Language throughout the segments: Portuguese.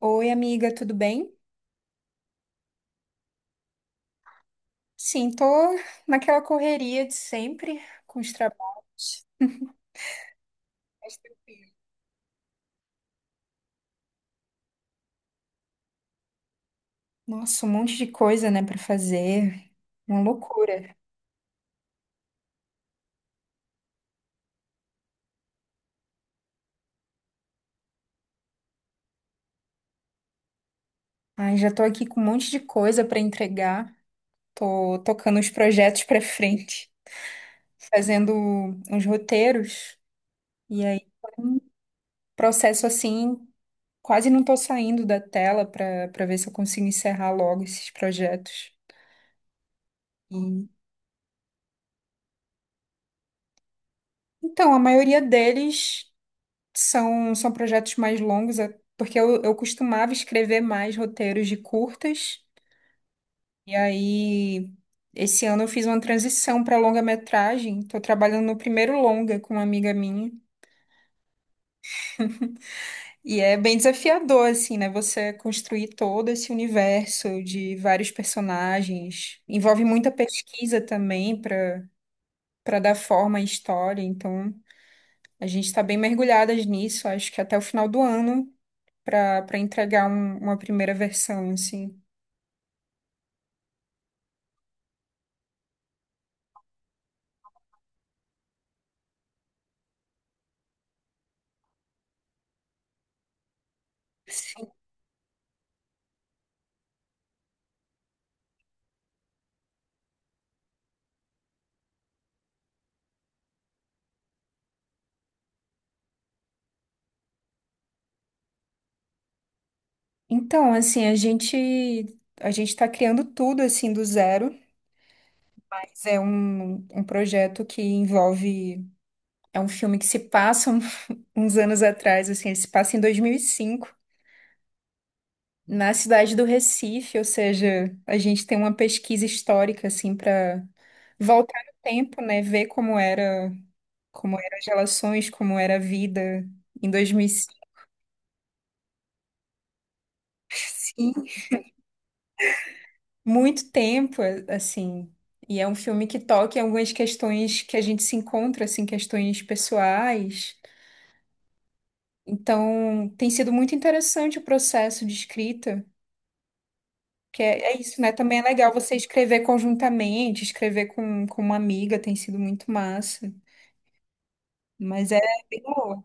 Oi, amiga, tudo bem? Sim, tô naquela correria de sempre com os trabalhos. Mas tranquilo. Nossa, um monte de coisa, né, pra fazer. Uma loucura. Ai, já tô aqui com um monte de coisa pra entregar. Tô tocando os projetos pra frente, fazendo uns roteiros. E aí, foi um processo assim, quase não tô saindo da tela pra para ver se eu consigo encerrar logo esses projetos. E então, a maioria deles são projetos mais longos, porque eu costumava escrever mais roteiros de curtas, e aí esse ano eu fiz uma transição para longa-metragem. Estou trabalhando no primeiro longa com uma amiga minha, e é bem desafiador, assim, né? Você construir todo esse universo de vários personagens. Envolve muita pesquisa também para dar forma à história, então a gente está bem mergulhadas nisso, acho que até o final do ano, para entregar uma primeira versão, assim. Sim. Então, assim, a gente está criando tudo assim do zero. Mas é um, um projeto que envolve é um filme que se passa uns anos atrás, assim, ele se passa em 2005 na cidade do Recife, ou seja, a gente tem uma pesquisa histórica assim para voltar no tempo, né, ver como era como eram as relações, como era a vida em 2005. Muito tempo, assim. E é um filme que toca em algumas questões que a gente se encontra, assim, questões pessoais. Então, tem sido muito interessante o processo de escrita, que é, é isso, né? Também é legal você escrever conjuntamente, escrever com uma amiga, tem sido muito massa. Mas é bem boa,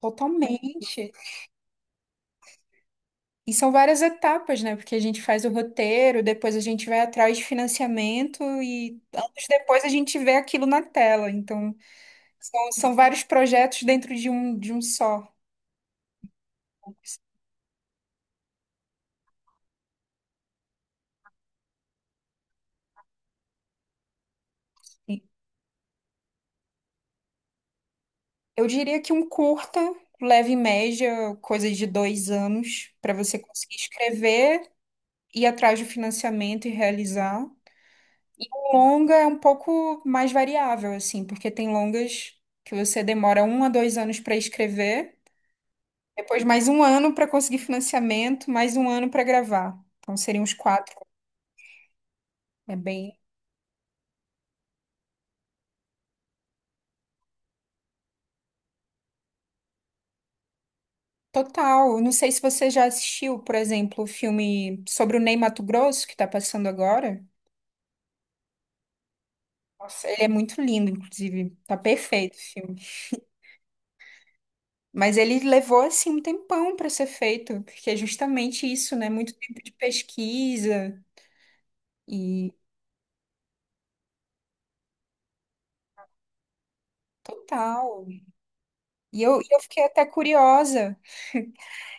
totalmente. E são várias etapas, né? Porque a gente faz o roteiro, depois a gente vai atrás de financiamento e anos depois a gente vê aquilo na tela. Então, são vários projetos dentro de um só. Assim. Eu diria que um curta, leve e média, coisa de dois anos, para você conseguir escrever, ir atrás do financiamento e realizar. O longa é um pouco mais variável, assim, porque tem longas que você demora um a dois anos para escrever, depois mais um ano para conseguir financiamento, mais um ano para gravar. Então seriam uns quatro. É bem. Total. Eu não sei se você já assistiu, por exemplo, o filme sobre o Ney Matogrosso, que tá passando agora. Nossa, ele é muito lindo, inclusive. Tá perfeito o filme. Mas ele levou, assim, um tempão para ser feito, porque é justamente isso, né? Muito tempo de pesquisa e total. E eu fiquei até curiosa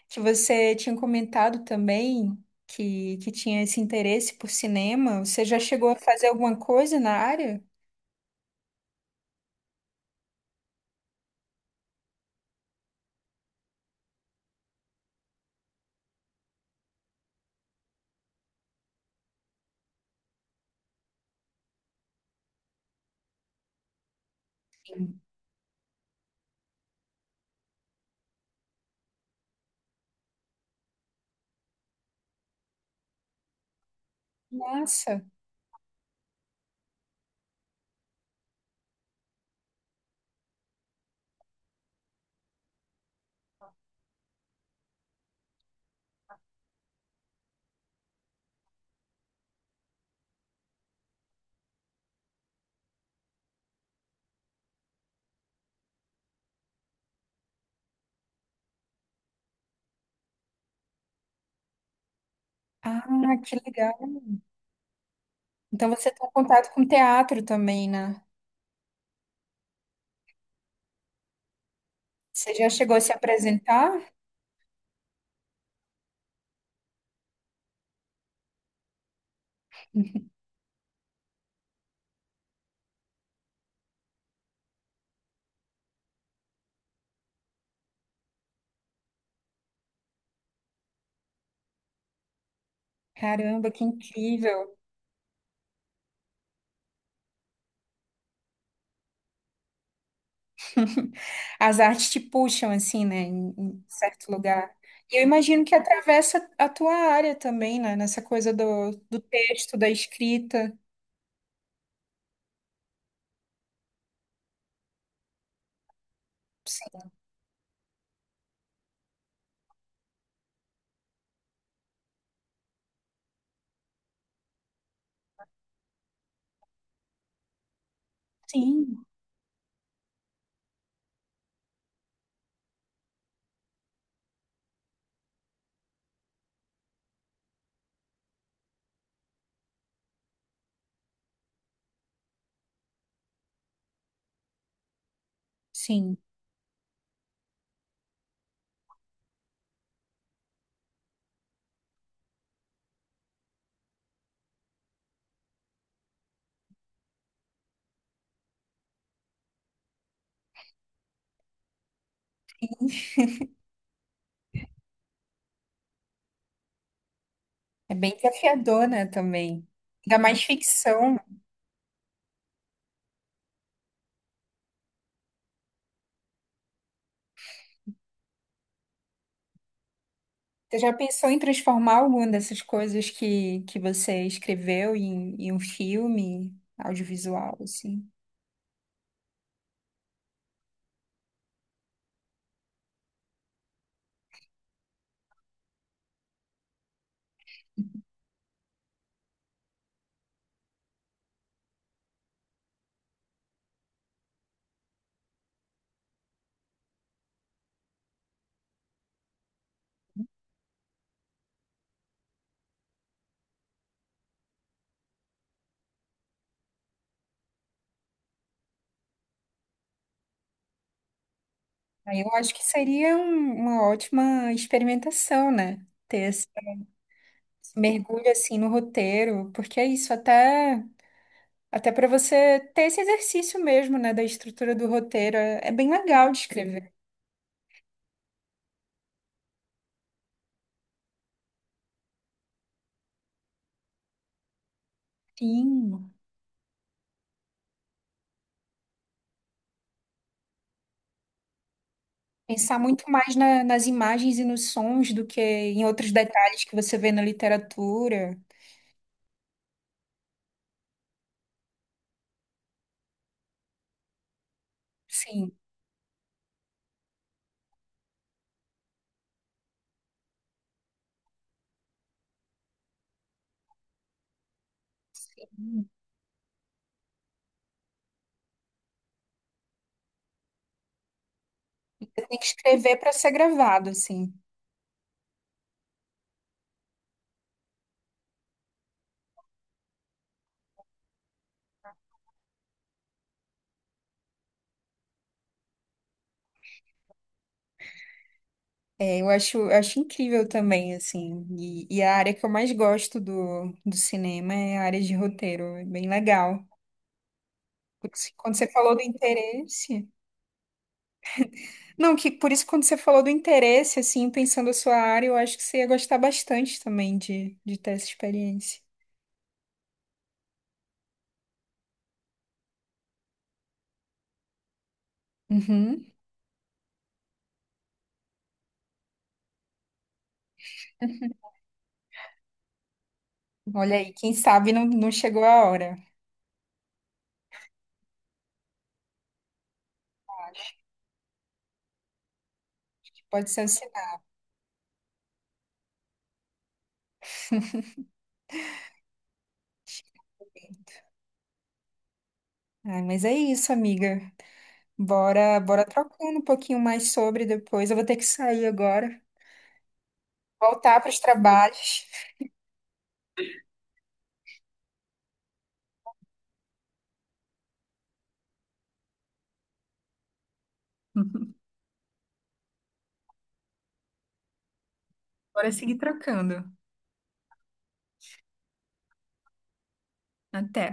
que você tinha comentado também que tinha esse interesse por cinema. Você já chegou a fazer alguma coisa na área? Sim. Nossa. Ah, que legal. Então você tem contato com teatro também, né? Você já chegou a se apresentar? Caramba, que incrível! As artes te puxam assim, né, em, em certo lugar. E eu imagino que atravessa a tua área também, né, nessa coisa do, do texto, da escrita. Sim, sim, sim. É bem desafiador, né, também. Ainda mais ficção. Você já pensou em transformar alguma dessas coisas que você escreveu em, em um filme audiovisual, assim? Aí eu acho que seria uma ótima experimentação, né? Ter esse mergulho assim no roteiro, porque é isso, até para você ter esse exercício mesmo, né, da estrutura do roteiro, é, é bem legal de escrever. Sim. Pensar muito mais nas imagens e nos sons do que em outros detalhes que você vê na literatura. Sim. Você tem que escrever para ser gravado, assim. Eu acho incrível também, assim. E a área que eu mais gosto do, do cinema é a área de roteiro. É bem legal. Porque quando você falou do interesse. Não, que por isso, que quando você falou do interesse, assim, pensando a sua área, eu acho que você ia gostar bastante também de ter essa experiência. Uhum. Olha aí, quem sabe não chegou a hora. Acho que pode ser um sinal. Ai, mas é isso, amiga. Bora trocando um pouquinho mais sobre depois. Eu vou ter que sair agora, voltar para os trabalhos. Bora seguir trocando. Até.